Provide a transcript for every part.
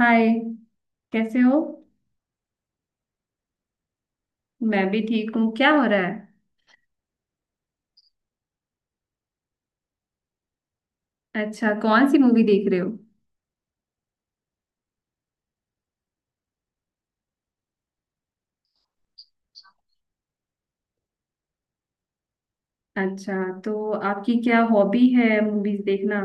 हाय। कैसे हो? मैं भी ठीक हूँ। क्या हो रहा है? अच्छा, कौन सी मूवी देख रहे हो? अच्छा, तो आपकी क्या हॉबी है, मूवीज देखना?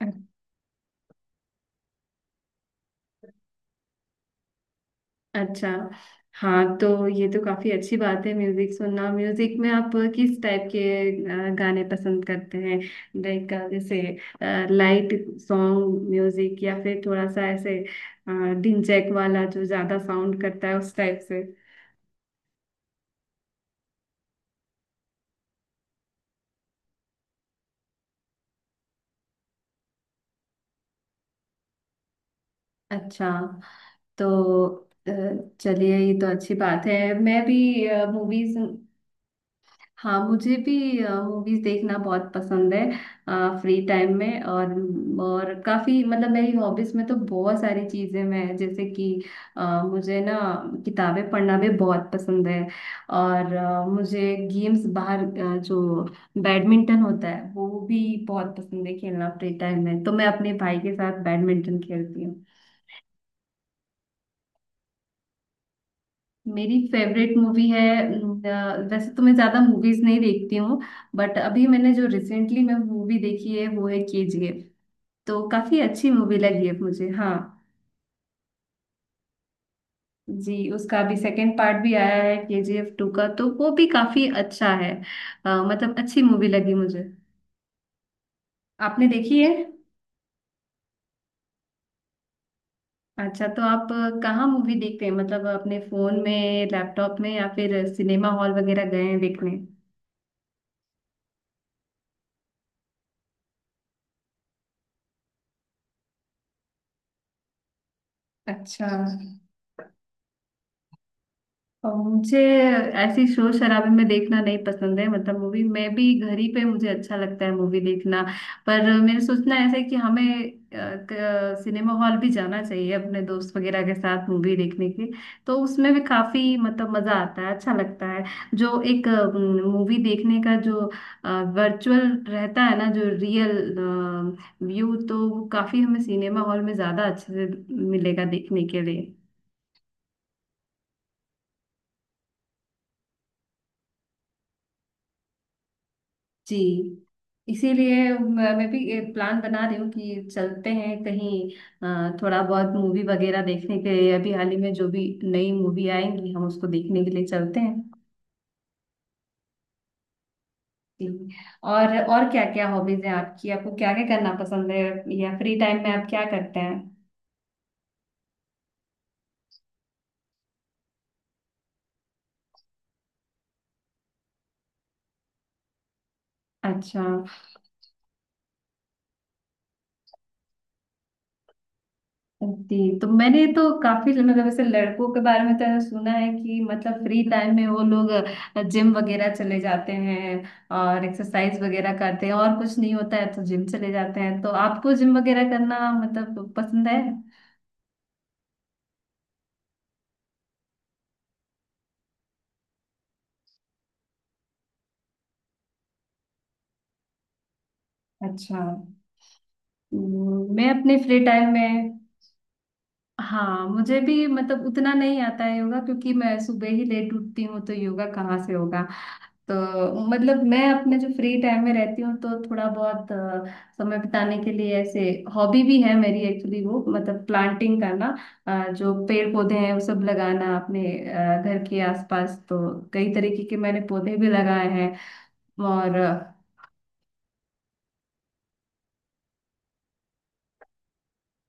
अ- अच्छा। हाँ तो ये तो काफी अच्छी बात है, म्यूजिक सुनना। म्यूजिक में आप किस टाइप के गाने पसंद करते हैं? लाइक जैसे लाइट सॉन्ग म्यूजिक, या फिर थोड़ा सा ऐसे डिंजैक वाला जो ज्यादा साउंड करता है, उस टाइप से? अच्छा। तो अ, चलिए, ये तो अच्छी बात है। मैं भी मूवीज, हाँ, मुझे भी मूवीज देखना बहुत पसंद है फ्री टाइम में। और काफी मतलब मेरी हॉबीज में तो बहुत सारी चीजें मैं, जैसे कि मुझे ना किताबें पढ़ना भी बहुत पसंद है। और मुझे गेम्स बाहर जो बैडमिंटन होता है वो भी बहुत पसंद है खेलना फ्री टाइम में। तो मैं अपने भाई के साथ बैडमिंटन खेलती हूँ। मेरी फेवरेट मूवी है, वैसे तो मैं ज्यादा मूवीज नहीं देखती हूँ, बट अभी मैंने जो रिसेंटली मैं मूवी देखी है वो है केजीएफ। तो काफी अच्छी मूवी लगी है मुझे, हाँ। जी, उसका अभी सेकंड पार्ट भी आया है केजीएफ टू का, तो वो भी काफी अच्छा है। मतलब अच्छी मूवी लगी मुझे। आपने देखी है? अच्छा, तो आप कहाँ मूवी देखते हैं, मतलब अपने फोन में, लैपटॉप में, या फिर सिनेमा हॉल वगैरह गए हैं देखने? अच्छा। और मुझे ऐसी शोर शराबे में देखना नहीं पसंद है, मतलब मूवी। मैं भी घर ही पे मुझे अच्छा लगता है मूवी देखना। पर मेरे सोचना ऐसा है कि हमें सिनेमा हॉल भी जाना चाहिए अपने दोस्त वगैरह के साथ मूवी देखने के, तो उसमें भी काफी मतलब मजा आता है, अच्छा लगता है। जो एक मूवी देखने का जो वर्चुअल रहता है ना, जो रियल व्यू, तो वो काफी हमें सिनेमा हॉल में ज्यादा अच्छे से मिलेगा देखने के लिए। जी, इसीलिए मैं भी एक प्लान बना रही हूँ कि चलते हैं कहीं थोड़ा बहुत मूवी वगैरह देखने के लिए। अभी हाल ही में जो भी नई मूवी आएंगी हम उसको देखने के लिए चलते हैं। जी। और क्या क्या हॉबीज हैं आपकी? आपको क्या क्या करना पसंद है, या फ्री टाइम में आप क्या करते हैं? अच्छा। जी, तो मैंने तो काफी मतलब ऐसे लड़कों के बारे में तो ऐसा सुना है कि मतलब फ्री टाइम में वो लोग जिम वगैरह चले जाते हैं और एक्सरसाइज वगैरह करते हैं, और कुछ नहीं होता है तो जिम चले जाते हैं। तो आपको जिम वगैरह करना मतलब पसंद है? अच्छा। मैं अपने फ्री टाइम में, हाँ मुझे भी, मतलब उतना नहीं आता है योगा, क्योंकि मैं सुबह ही लेट उठती हूँ तो योगा कहाँ से होगा। तो मतलब मैं अपने जो फ्री टाइम में रहती हूँ, तो थोड़ा बहुत समय बिताने के लिए, ऐसे हॉबी भी है मेरी एक्चुअली, वो मतलब प्लांटिंग करना, जो पेड़ पौधे हैं वो सब लगाना अपने घर के आसपास। तो कई तरीके के मैंने पौधे भी लगाए हैं। और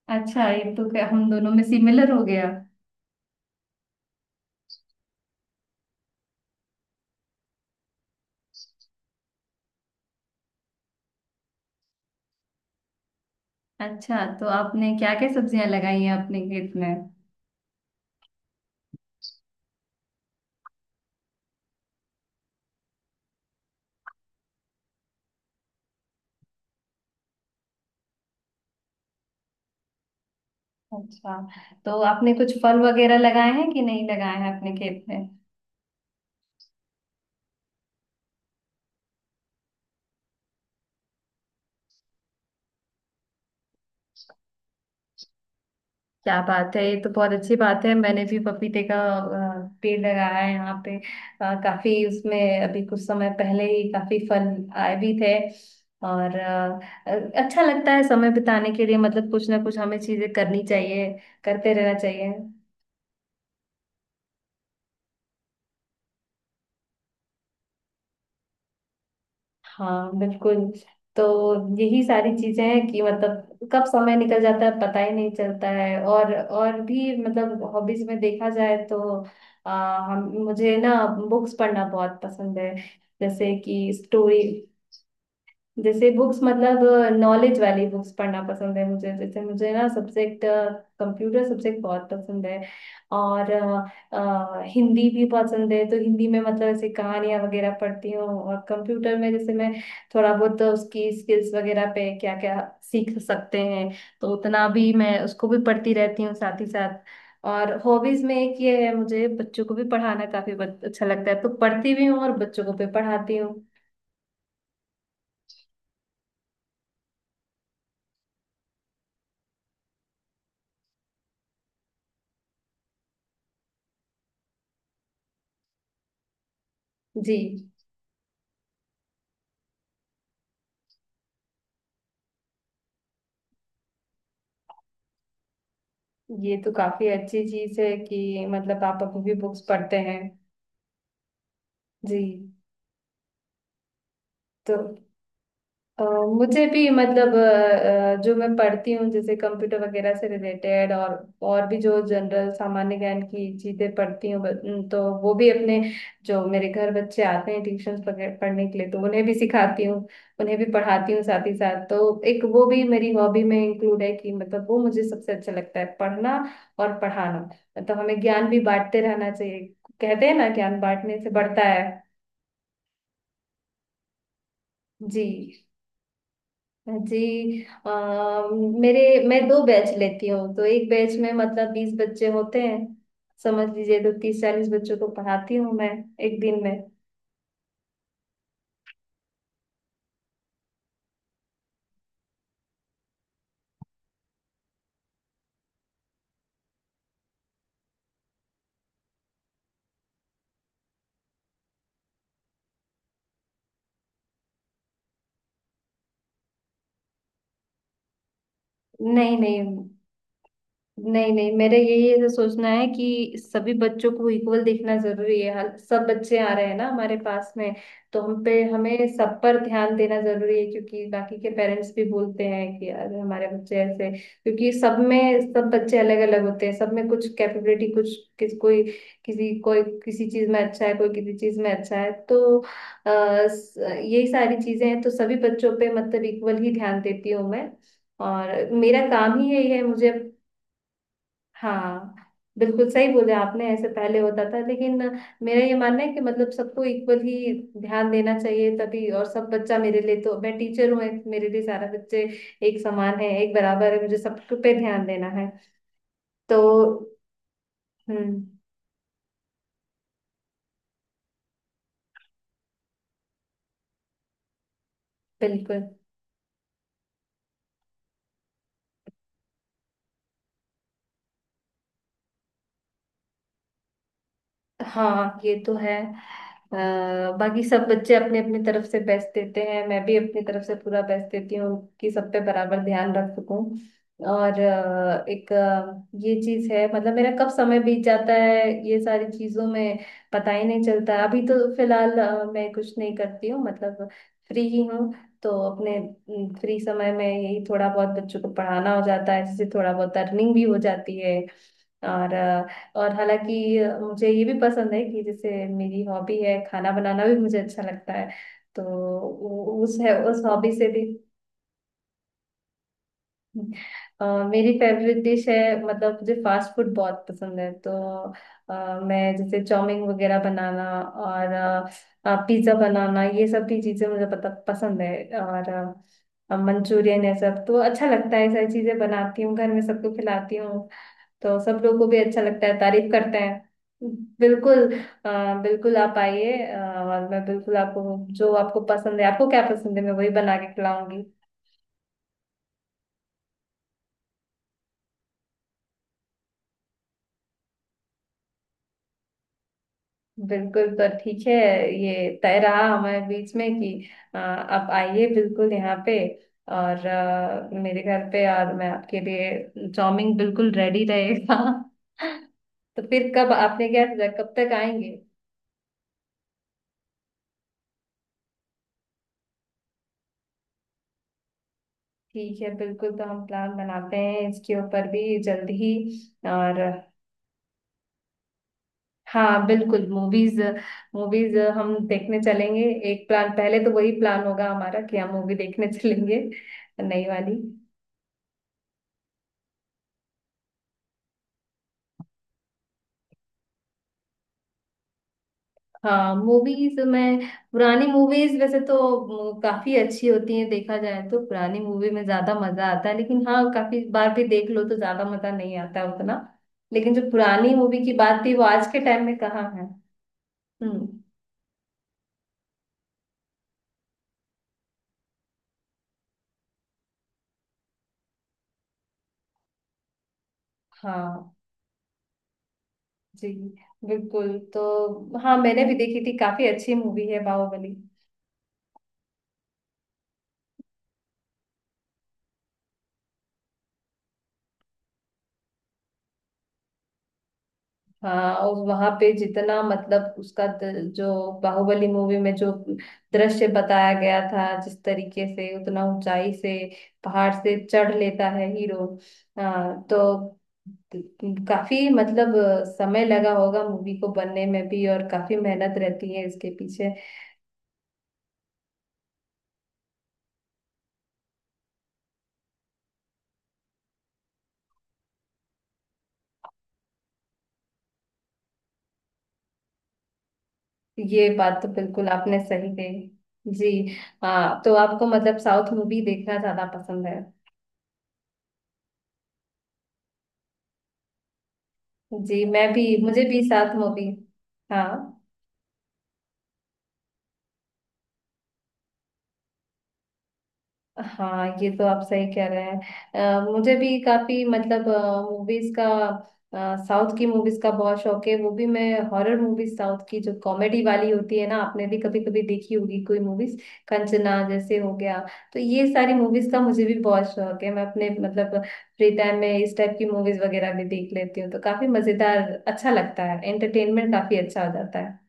अच्छा, ये तो क्या हम दोनों में सिमिलर हो गया। अच्छा, तो आपने क्या क्या सब्जियां लगाई हैं अपने खेत में? अच्छा, तो आपने कुछ फल वगैरह लगाए हैं कि नहीं लगाए हैं अपने खेत में? क्या बात है, ये तो बहुत अच्छी बात है। मैंने भी पपीते का पेड़ लगाया है यहाँ पे। काफी उसमें अभी कुछ समय पहले ही काफी फल आए भी थे। और अच्छा लगता है समय बिताने के लिए, मतलब कुछ ना कुछ हमें चीजें करनी चाहिए, करते रहना चाहिए। हाँ, बिल्कुल। तो यही सारी चीजें हैं कि मतलब कब समय निकल जाता है पता ही नहीं चलता है। और भी मतलब हॉबीज में देखा जाए तो आ, हम मुझे ना बुक्स पढ़ना बहुत पसंद है, जैसे कि स्टोरी जैसे बुक्स। मतलब नॉलेज वाली बुक्स पढ़ना पसंद है मुझे, जैसे मुझे ना सब्जेक्ट कंप्यूटर सब्जेक्ट बहुत पसंद है। और हिंदी भी पसंद है, तो हिंदी में मतलब ऐसे कहानियाँ वगैरह पढ़ती हूँ। और कंप्यूटर में जैसे मैं थोड़ा बहुत उसकी स्किल्स वगैरह पे क्या क्या सीख सकते हैं, तो उतना भी मैं उसको भी पढ़ती रहती हूँ साथ ही साथ। और हॉबीज में एक ये है, मुझे बच्चों को भी पढ़ाना काफी अच्छा लगता है, तो पढ़ती भी हूँ और बच्चों को भी पढ़ाती हूँ। जी, ये तो काफी अच्छी चीज है कि मतलब आप अभी भी बुक्स पढ़ते हैं। जी, तो अ, मुझे भी मतलब जो मैं पढ़ती हूँ जैसे कंप्यूटर वगैरह से रिलेटेड, और भी जो जनरल सामान्य ज्ञान की चीजें पढ़ती हूँ, ब- न, तो वो भी अपने जो मेरे घर बच्चे आते हैं ट्यूशन पढ़ने के लिए, तो उन्हें भी सिखाती हूँ, उन्हें भी पढ़ाती हूँ साथ ही साथ। तो एक वो भी मेरी हॉबी में इंक्लूड है कि मतलब वो मुझे सबसे अच्छा लगता है, पढ़ना और पढ़ाना। मतलब हमें ज्ञान भी बांटते रहना चाहिए, कहते हैं ना ज्ञान बांटने से बढ़ता है। जी। जी। अ, मेरे मैं दो बैच लेती हूँ, तो एक बैच में मतलब 20 बच्चे होते हैं समझ लीजिए। तो 30 40 बच्चों को पढ़ाती हूँ मैं एक दिन में। नहीं, नहीं, नहीं, नहीं, मेरे यही ऐसा सोचना है कि सभी बच्चों को इक्वल देखना जरूरी है, सब बच्चे आ रहे हैं ना हमारे पास में। तो हम पे हमें सब पर ध्यान देना जरूरी है, क्योंकि बाकी के पेरेंट्स भी बोलते हैं कि यार हमारे बच्चे ऐसे, क्योंकि सब में सब बच्चे अलग अलग होते हैं। सब में कुछ कैपेबिलिटी, कुछ किस कोई किसी चीज में अच्छा है, कोई किसी चीज में अच्छा है। तो यही सारी चीजें हैं, तो सभी बच्चों पे मतलब इक्वल ही ध्यान देती हूँ मैं, और मेरा काम ही यही है मुझे। हाँ, बिल्कुल सही बोले आपने, ऐसे पहले होता था, लेकिन मेरा ये मानना है कि मतलब सबको इक्वल ही ध्यान देना चाहिए तभी। और सब बच्चा मेरे लिए, तो मैं टीचर हूँ, मेरे लिए सारा बच्चे एक समान है, एक बराबर है, मुझे सब पे ध्यान देना है। तो हम्म, बिल्कुल। हाँ, ये तो है। बाकी सब बच्चे अपने अपनी तरफ से बेस्ट देते हैं, मैं भी अपनी तरफ से पूरा बेस्ट देती हूँ कि सब पे बराबर ध्यान रख सकूं। और एक ये चीज है, मतलब मेरा कब समय बीत जाता है ये सारी चीजों में पता ही नहीं चलता। अभी तो फिलहाल मैं कुछ नहीं करती हूँ, मतलब फ्री ही हूँ। तो अपने फ्री समय में यही थोड़ा बहुत बच्चों को पढ़ाना हो जाता है, जिससे थोड़ा बहुत अर्निंग भी हो जाती है। और हालांकि मुझे ये भी पसंद है कि जैसे मेरी हॉबी है, खाना बनाना भी मुझे अच्छा लगता है। तो उस हॉबी से भी अ, मेरी फेवरेट डिश है, मतलब मुझे फास्ट फूड बहुत पसंद है। तो मैं जैसे चाउमीन वगैरह बनाना और पिज्ज़ा बनाना, ये सब भी चीज़ें मुझे पता पसंद है, और मंचूरियन है सब, तो अच्छा लगता है। सारी चीज़ें बनाती हूँ घर में, सबको खिलाती हूँ, तो सब लोग को भी अच्छा लगता है, तारीफ करते हैं। बिल्कुल, बिल्कुल, आप आइए। और मैं बिल्कुल आपको, जो आपको पसंद है, आपको क्या पसंद है, मैं वही बना के खिलाऊंगी। बिल्कुल, तो ठीक है, ये तय रहा हमारे बीच में कि आप आइए बिल्कुल यहाँ पे, और मेरे घर पे, और मैं आपके लिए चाउमीन बिल्कुल रेडी रहेगा। तो फिर कब आपने क्या सोचा, कब तक आएंगे? ठीक है, बिल्कुल, तो हम प्लान बनाते हैं इसके ऊपर भी जल्द ही। और हाँ, बिल्कुल, मूवीज, मूवीज हम देखने चलेंगे। एक प्लान, पहले तो वही प्लान होगा हमारा कि हम मूवी देखने चलेंगे, नई वाली। हाँ, मूवीज में पुरानी मूवीज वैसे तो काफी अच्छी होती हैं, देखा जाए तो पुरानी मूवी में ज्यादा मजा आता है, लेकिन हाँ काफी बार भी देख लो तो ज्यादा मजा नहीं आता है उतना। लेकिन जो पुरानी मूवी की बात थी वो आज के टाइम में कहाँ है? हम्म, हाँ। जी, बिल्कुल, तो हाँ मैंने भी देखी थी, काफी अच्छी मूवी है बाहुबली। हाँ, और वहां पे जितना मतलब उसका जो बाहुबली मूवी में जो दृश्य बताया गया था जिस तरीके से, उतना ऊंचाई से पहाड़ से चढ़ लेता है हीरो। हाँ, तो काफी मतलब समय लगा होगा मूवी को बनने में भी, और काफी मेहनत रहती है इसके पीछे। ये बात तो बिल्कुल आपने सही कही। जी। हाँ, तो आपको मतलब साउथ मूवी देखना ज्यादा पसंद है? जी, मैं भी, मुझे भी साउथ मूवी, हाँ। हाँ, ये तो आप सही कह रहे हैं। मुझे भी काफी मतलब मूवीज का, साउथ की मूवीज का बहुत शौक है। वो भी मैं हॉरर मूवीज साउथ की जो कॉमेडी वाली होती है ना, आपने भी कभी कभी देखी होगी कोई मूवीज, कंचना जैसे हो गया। तो ये सारी मूवीज का मुझे भी बहुत शौक है। मैं अपने मतलब फ्री टाइम में इस टाइप की मूवीज वगैरह भी देख लेती हूँ, तो काफी मजेदार, अच्छा लगता है, एंटरटेनमेंट काफी अच्छा हो जाता है।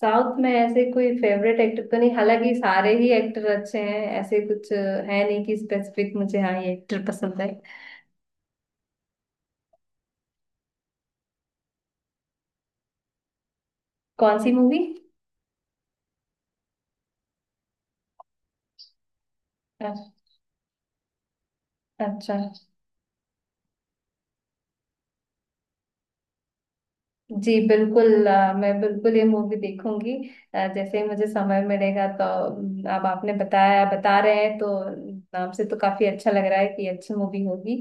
साउथ में ऐसे कोई फेवरेट एक्टर तो नहीं, हालांकि सारे ही एक्टर अच्छे हैं, ऐसे कुछ है नहीं कि स्पेसिफिक मुझे हाँ ये एक्टर पसंद है। कौन सी मूवी? अच्छा। जी, बिल्कुल, मैं बिल्कुल ये मूवी देखूंगी। जैसे ही मुझे समय मिलेगा, तो अब आपने बता रहे हैं, तो नाम से तो काफी अच्छा लग रहा है कि अच्छी मूवी होगी।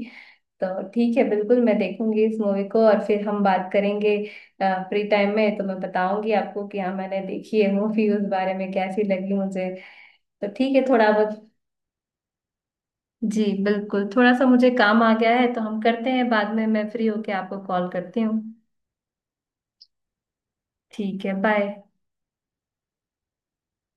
तो ठीक है, बिल्कुल मैं देखूंगी इस मूवी को, और फिर हम बात करेंगे फ्री टाइम में, तो मैं बताऊंगी आपको कि हाँ मैंने देखी है मूवी, उस बारे में कैसी लगी मुझे। तो ठीक है, थोड़ा बहुत। जी, बिल्कुल, थोड़ा सा मुझे काम आ गया है, तो हम करते हैं बाद में, मैं फ्री होके आपको कॉल करती हूँ। ठीक है, बाय।